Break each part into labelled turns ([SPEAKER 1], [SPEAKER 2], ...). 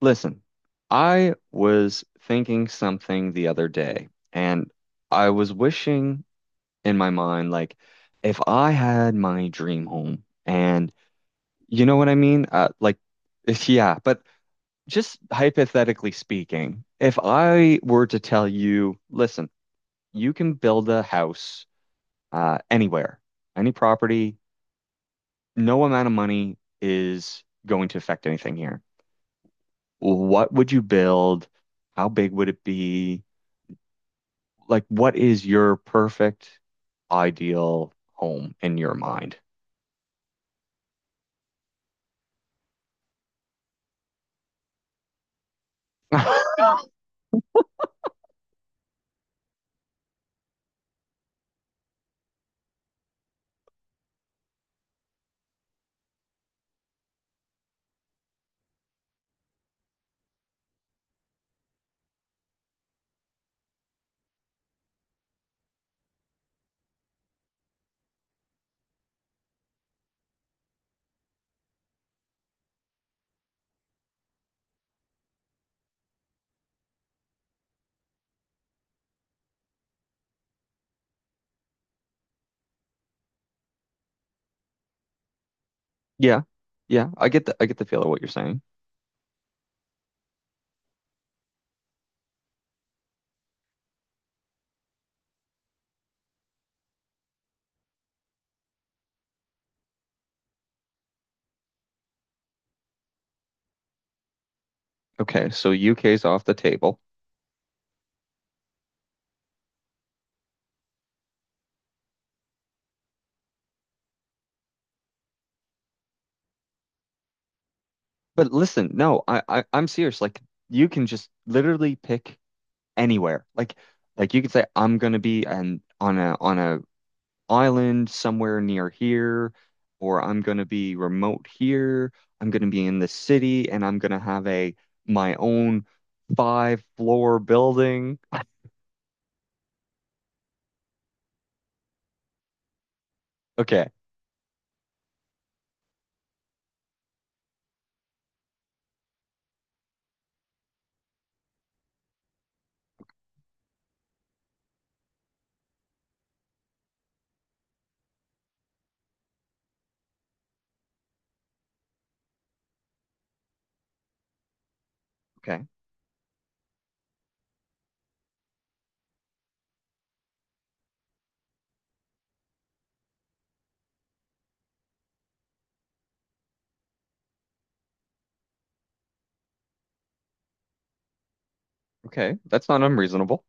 [SPEAKER 1] Listen, I was thinking something the other day, and I was wishing in my mind, like, if I had my dream home, and you know what I mean? If, yeah, but just hypothetically speaking, if I were to tell you, listen, you can build a house anywhere, any property, no amount of money is going to affect anything here. What would you build? How big would it be? Like what is your perfect ideal home in your mind? Yeah. Yeah, I get the feel of what you're saying. Okay, so UK's off the table. But listen, no, I'm serious. Like you can just literally pick anywhere. Like you could say I'm gonna be an on a island somewhere near here, or I'm gonna be remote here. I'm gonna be in the city, and I'm gonna have a my own five floor building. Okay. Okay. Okay. That's not unreasonable.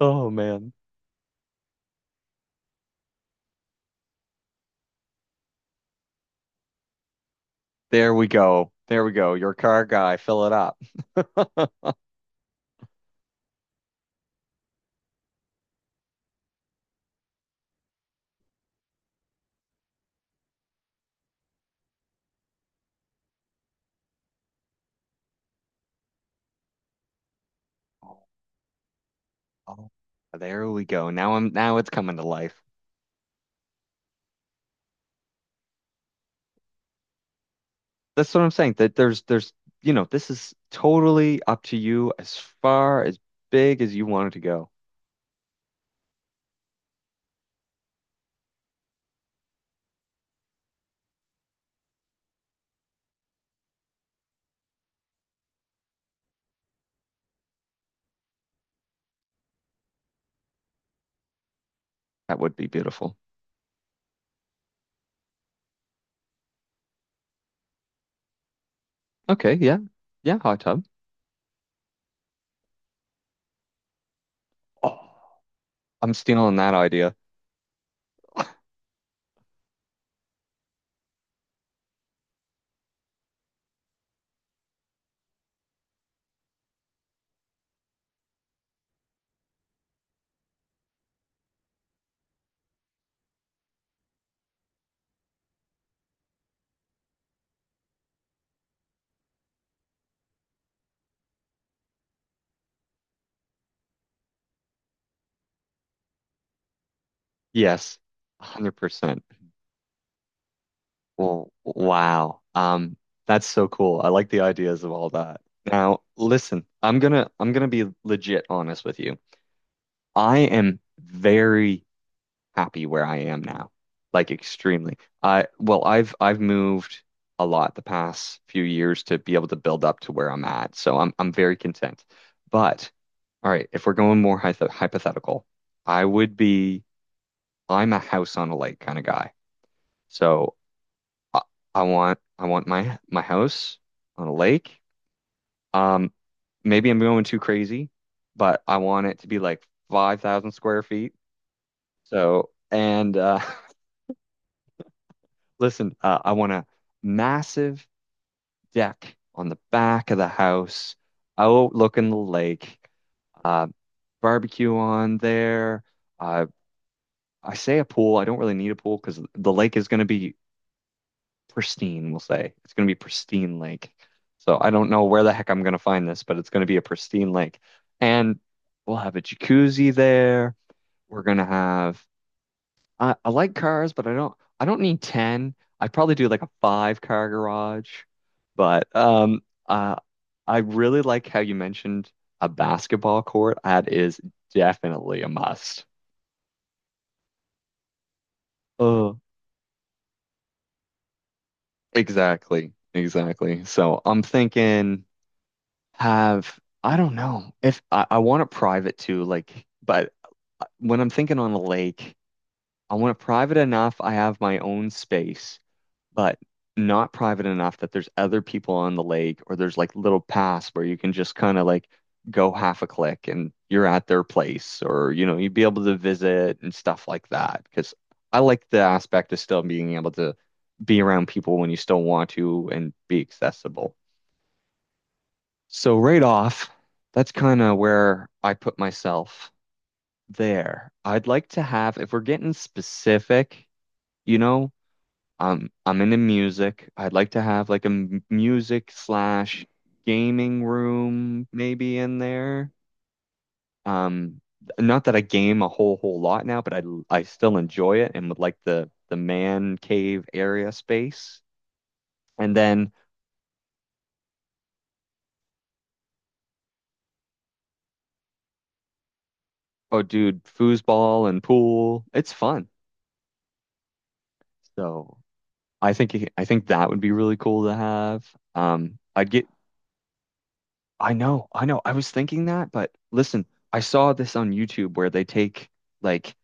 [SPEAKER 1] Oh man. There we go. There we go. Your car guy, fill it up. Oh, oh, there we go. Now it's coming to life. That's what I'm saying. That there's you know, this is totally up to you as far as big as you wanted to go. That would be beautiful. Okay, yeah. Yeah, hot tub. Oh, I'm stealing that idea. Yes, 100%. Well, wow. That's so cool. I like the ideas of all that. Now, listen, I'm gonna be legit honest with you. I am very happy where I am now. Like extremely. I well, I've moved a lot the past few years to be able to build up to where I'm at. So I'm very content. But all right, if we're going more hypothetical, I would be I'm a house on a lake kind of guy. So I, I want my house on a lake. Um, maybe I'm going too crazy, but I want it to be like 5,000 square feet. So, and listen, I want a massive deck on the back of the house, overlooking the lake, uh, barbecue on there. Uh, I say a pool. I don't really need a pool because the lake is going to be pristine, we'll say. It's going to be pristine lake. So I don't know where the heck I'm going to find this, but it's going to be a pristine lake. And we'll have a jacuzzi there. We're going to have I like cars, but I don't need 10. I'd probably do like a five car garage. But uh I really like how you mentioned a basketball court. That is definitely a must. Oh, exactly. Exactly. So I'm thinking have I don't know if I want it private too, but when I'm thinking on a lake, I want it private enough I have my own space, but not private enough that there's other people on the lake or there's like little paths where you can just kind of like go half a click and you're at their place, or you know you'd be able to visit and stuff like that because I like the aspect of still being able to be around people when you still want to and be accessible. So right off, that's kind of where I put myself there. I'd like to have, if we're getting specific, you know, I'm into music. I'd like to have like a music slash gaming room maybe in there. Um, not that I game a whole lot now, but I still enjoy it and would like the man cave area space. And then, oh dude, foosball and pool, it's fun. So. I think that would be really cool to have. I'd get I know, I know. I was thinking that, but listen, I saw this on YouTube where they take like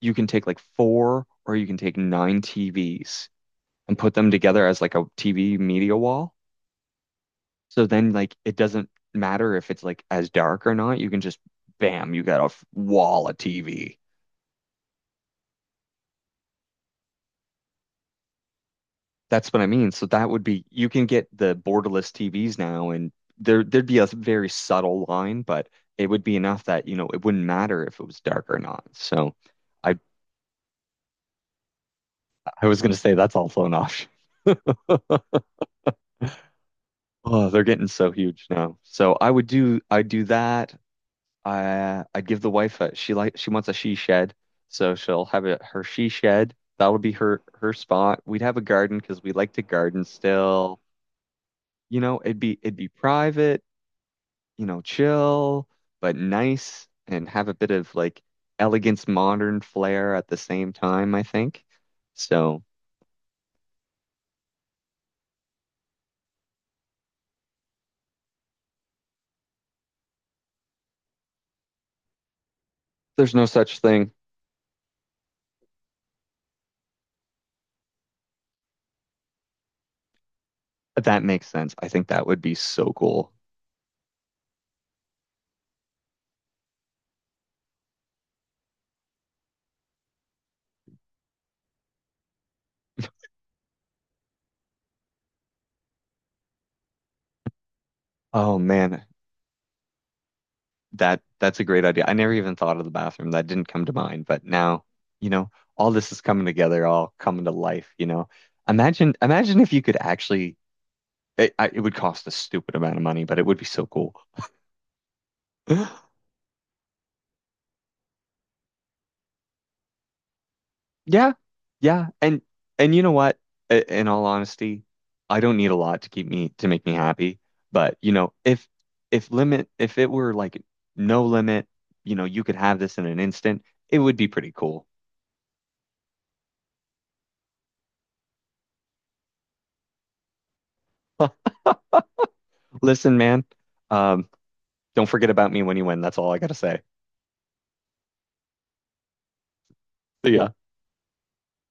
[SPEAKER 1] you can take like four or you can take nine TVs and put them together as like a TV media wall. So then like it doesn't matter if it's like as dark or not. You can just bam, you got a wall of TV. That's what I mean. So that would be you can get the borderless TVs now, and there'd be a very subtle line, but it would be enough that, you know, it wouldn't matter if it was dark or not. So I I was gonna say that's also an option. Oh, they're getting so huge now. So I'd do that. I I'd give the wife a she like she wants a she shed, so she'll have a her she shed. That would be her spot. We'd have a garden because we like to garden still. You know, it'd be private. You know, chill but nice and have a bit of like elegance modern flair at the same time, I think. So there's no such thing. That makes sense. I think that would be so cool. Oh man, that that's a great idea. I never even thought of the bathroom. That didn't come to mind, but now, you know, all this is coming together, all coming to life, you know. Imagine if you could actually it would cost a stupid amount of money, but it would be so cool. Yeah, yeah, and you know what? In all honesty, I don't need a lot to make me happy. But you know, if limit if it were like no limit, you know, you could have this in an instant, it would be pretty cool. Listen, man, um, don't forget about me when you win. That's all I gotta say. See ya.